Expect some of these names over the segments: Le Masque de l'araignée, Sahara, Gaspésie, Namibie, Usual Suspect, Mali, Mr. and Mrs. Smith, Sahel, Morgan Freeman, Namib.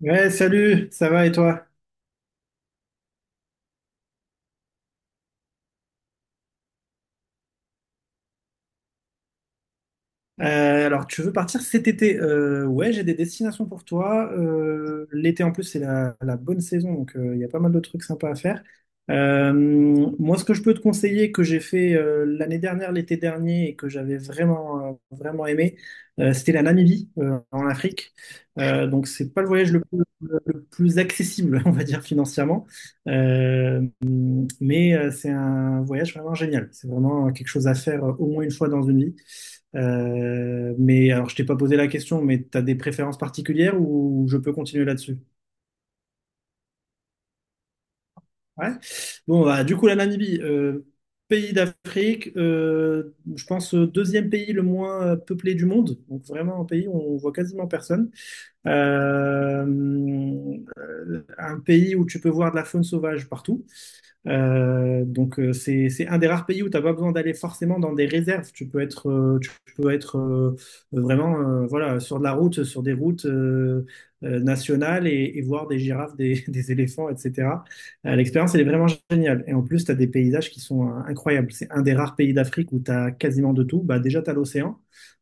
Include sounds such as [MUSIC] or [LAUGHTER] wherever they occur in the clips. Ouais, salut, ça va et toi? Alors, tu veux partir cet été? Ouais, j'ai des destinations pour toi. L'été, en plus, c'est la bonne saison, donc il y a pas mal de trucs sympas à faire. Euh, Moi, ce que je peux te conseiller, que j'ai fait l'année dernière, l'été dernier, et que j'avais vraiment aimé, c'était la Namibie, en Afrique. Donc, c'est pas le voyage le plus accessible, [LAUGHS] on va dire, financièrement. Euh, Mais c'est un voyage vraiment génial. C'est vraiment quelque chose à faire au moins une fois dans une vie. Mais alors, je t'ai pas posé la question, mais tu as des préférences particulières ou je peux continuer là-dessus? Ouais. Bon, bah, du coup, la Namibie, pays d'Afrique, je pense deuxième pays le moins peuplé du monde. Donc vraiment un pays où on voit quasiment personne. Euh, un pays où tu peux voir de la faune sauvage partout. Donc, c'est un des rares pays où tu n'as pas besoin d'aller forcément dans des réserves. Tu peux être vraiment voilà sur de la route, sur des routes nationales et voir des girafes, des, [LAUGHS] des éléphants, etc. L'expérience elle est vraiment géniale. Et en plus tu as des paysages qui sont incroyables. C'est un des rares pays d'Afrique où tu as quasiment de tout. Bah déjà tu as l'océan.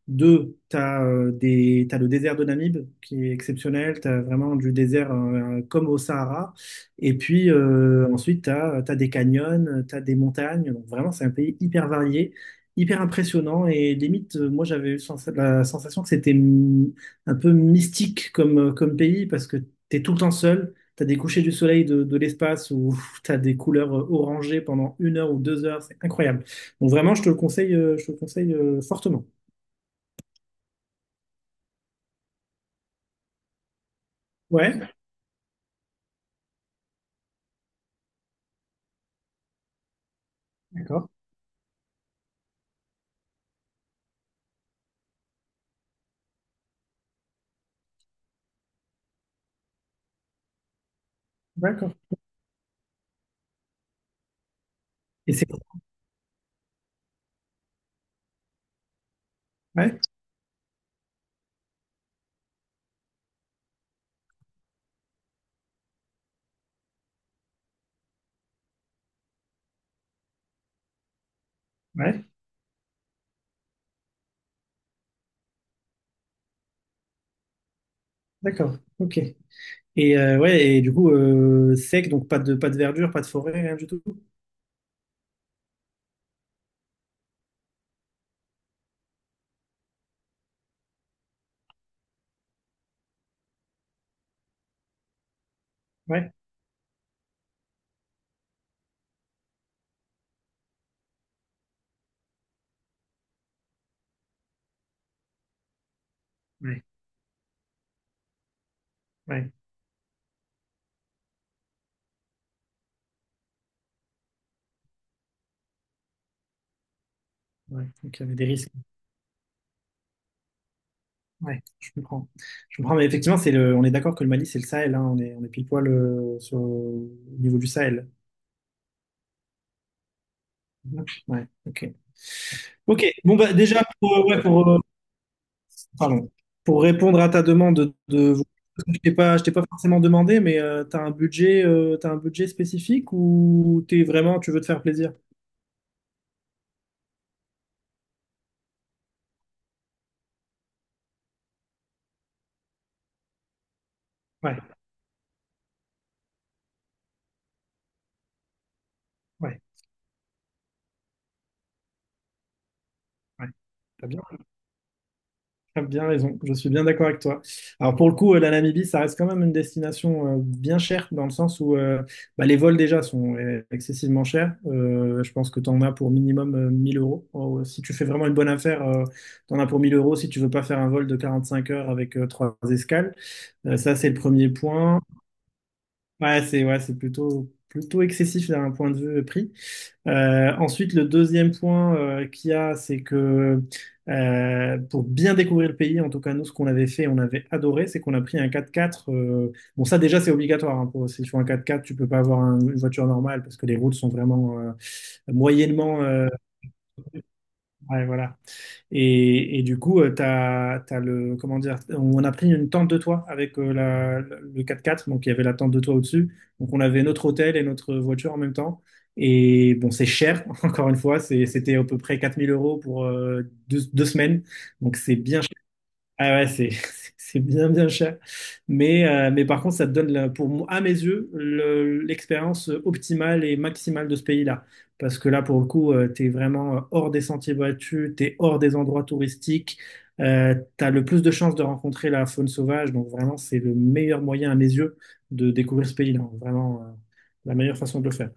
Deux, t'as le désert de Namib qui est exceptionnel. Tu as vraiment du désert comme au Sahara. Et puis ensuite, tu as des canyons, tu as des montagnes. Donc vraiment, c'est un pays hyper varié, hyper impressionnant. Et limite, moi, j'avais eu la sensation que c'était un peu mystique comme pays parce que tu es tout le temps seul. Tu as des couchers du soleil de l'espace où [LAUGHS] tu as des couleurs orangées pendant 1 heure ou 2 heures. C'est incroyable. Donc vraiment, je te le conseille fortement. Ouais, d'accord, d'accord. Et c'est... Ouais, ouais, d'accord, ok. Ouais, et du coup, sec, donc pas de verdure, pas de forêt, rien du tout. Ouais, ouais, ouais, ouais. Donc il y avait des risques. Ouais, je comprends. Je comprends, mais effectivement, on est d'accord que le Mali, c'est le Sahel, hein, on est pile poil sur, au niveau du Sahel. Ouais, ok. Ok, bon, bah, déjà, ouais, pardon, pour répondre à ta demande de. Je t'ai pas forcément demandé, mais t'as un budget spécifique ou t'es vraiment, tu veux te faire plaisir? Ouais, ouais, ouais. T'as bien. T'as bien raison, je suis bien d'accord avec toi. Alors pour le coup, la Namibie, ça reste quand même une destination bien chère dans le sens où bah, les vols déjà sont excessivement chers. Je pense que tu en as pour minimum 1000 euros. Oh, si tu fais vraiment une bonne affaire, tu en as pour 1000 euros si tu veux pas faire un vol de 45 heures avec trois escales. Ça, c'est le premier point. Ouais, c'est, ouais, c'est plutôt plutôt excessif d'un point de vue prix. Ensuite, le deuxième point qu'il y a, c'est que pour bien découvrir le pays, en tout cas nous, ce qu'on avait fait, on avait adoré, c'est qu'on a pris un quatre-quatre. Bon, ça déjà, c'est obligatoire. Hein, pour, si tu fais un quatre-quatre, tu peux pas avoir une voiture normale parce que les routes sont vraiment moyennement. Ouais, voilà. Et du coup, t'as le, comment dire, on a pris une tente de toit avec le 4x4, donc il y avait la tente de toit au-dessus. Donc on avait notre hôtel et notre voiture en même temps. Et bon, c'est cher, [LAUGHS] encore une fois, c'était à peu près 4000 euros pour deux semaines. Donc c'est bien, ah ouais, c'est [LAUGHS] c'est bien bien cher. Mais par contre, ça te donne, pour moi, à mes yeux, l'expérience optimale et maximale de ce pays-là. Parce que là, pour le coup, t'es vraiment hors des sentiers battus, t'es hors des endroits touristiques, t'as le plus de chances de rencontrer la faune sauvage. Donc vraiment, c'est le meilleur moyen, à mes yeux, de découvrir ce pays-là. Vraiment, la meilleure façon de le faire.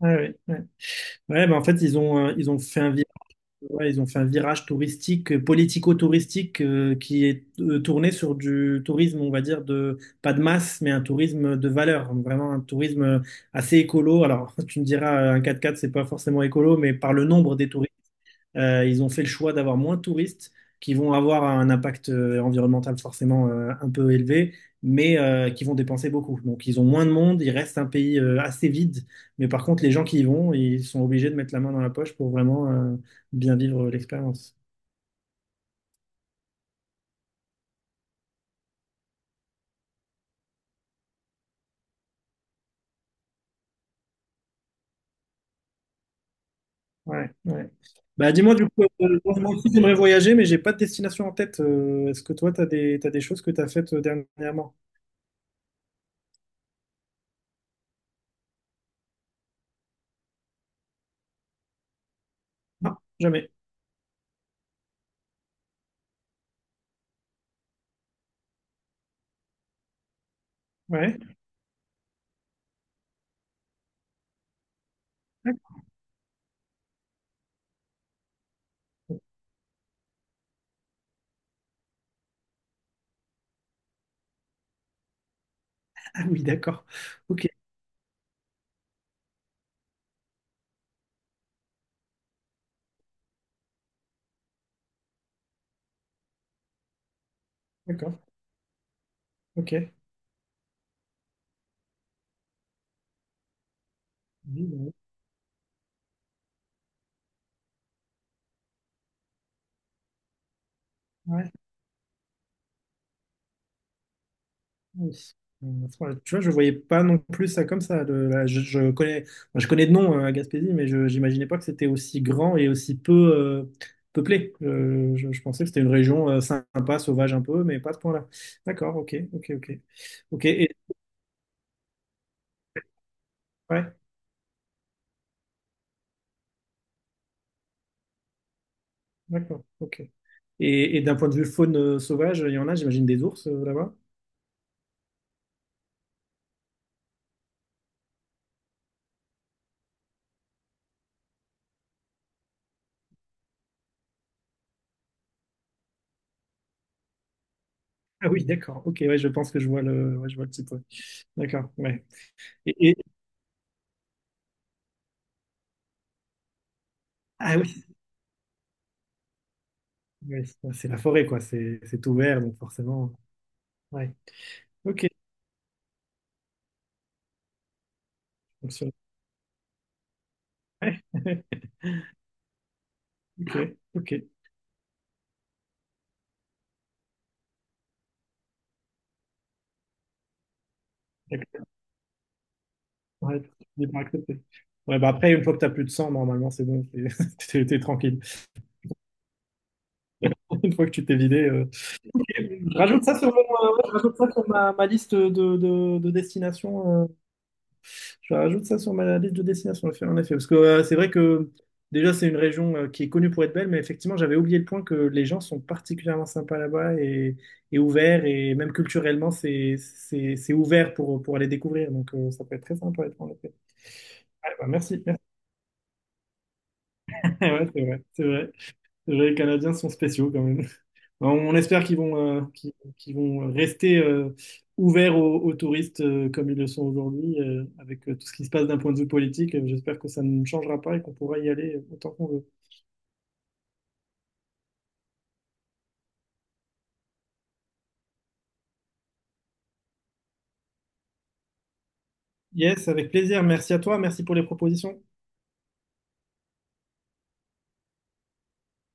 Ouais, ouais, ouais. Ouais, bah, en fait, ils ont fait un virage, ils ont fait un virage touristique, politico-touristique, qui est tourné sur du tourisme, on va dire, de, pas de masse, mais un tourisme de valeur, vraiment un tourisme assez écolo. Alors, [LAUGHS] tu me diras, un 4x4, c'est pas forcément écolo, mais par le nombre des touristes ils ont fait le choix d'avoir moins de touristes qui vont avoir un impact environnemental forcément un peu élevé, mais qui vont dépenser beaucoup. Donc ils ont moins de monde, il reste un pays assez vide, mais par contre les gens qui y vont, ils sont obligés de mettre la main dans la poche pour vraiment bien vivre l'expérience. Ouais, ouais. Bah dis-moi du coup, moi aussi j'aimerais voyager, mais j'ai pas de destination en tête. Est-ce que toi, t'as des choses que tu as faites dernièrement? Non, jamais. Ouais. Ah oui, d'accord. Ok, d'accord. Ok. Oui, oui. Ouais. Oui. Euh, ouais, tu vois, je voyais pas non plus ça comme ça. Je connais, enfin, je connais de nom Gaspésie, mais je n'imaginais pas que c'était aussi grand et aussi peu peuplé. Je pensais que c'était une région sympa, sauvage un peu, mais pas à ce point-là. D'accord, ok, ok, ok. Ok, et, ouais, d'accord, ok. Et d'un point de vue faune sauvage, il y en a, j'imagine, des ours là-bas? Ah oui, d'accord. Ok, ouais, je pense que ouais, je vois le type. Ouais. D'accord. Ouais. Et, et- ah oui, ouais, c'est la forêt, quoi. C'est tout vert, donc forcément. Ouais. Ok. Donc, sur- ouais. [LAUGHS] Ok. Ok. D'accord. Ouais, j'ai pas accepté. Ouais, bah après, une fois que t'as plus de sang, normalement, c'est bon. T'es [LAUGHS] t'es tranquille. [LAUGHS] Une fois que tu t'es vidé. Je rajoute ça sur mon, Ouais, je rajoute ça sur ma liste de destinations. Je rajoute ça sur ma liste de destinations, en effet. En effet. Parce que c'est vrai que déjà, c'est une région qui est connue pour être belle, mais effectivement, j'avais oublié le point que les gens sont particulièrement sympas là-bas et ouverts, et même culturellement, c'est ouvert pour aller découvrir. Donc, ça peut être très sympa, en effet. Ouais, bah, merci. [LAUGHS] Ouais, c'est vrai, c'est vrai. C'est vrai, les Canadiens sont spéciaux quand même. On espère qu'ils vont rester ouverts aux touristes comme ils le sont aujourd'hui, avec tout ce qui se passe d'un point de vue politique. J'espère que ça ne changera pas et qu'on pourra y aller autant qu'on veut. Yes, avec plaisir. Merci à toi. Merci pour les propositions.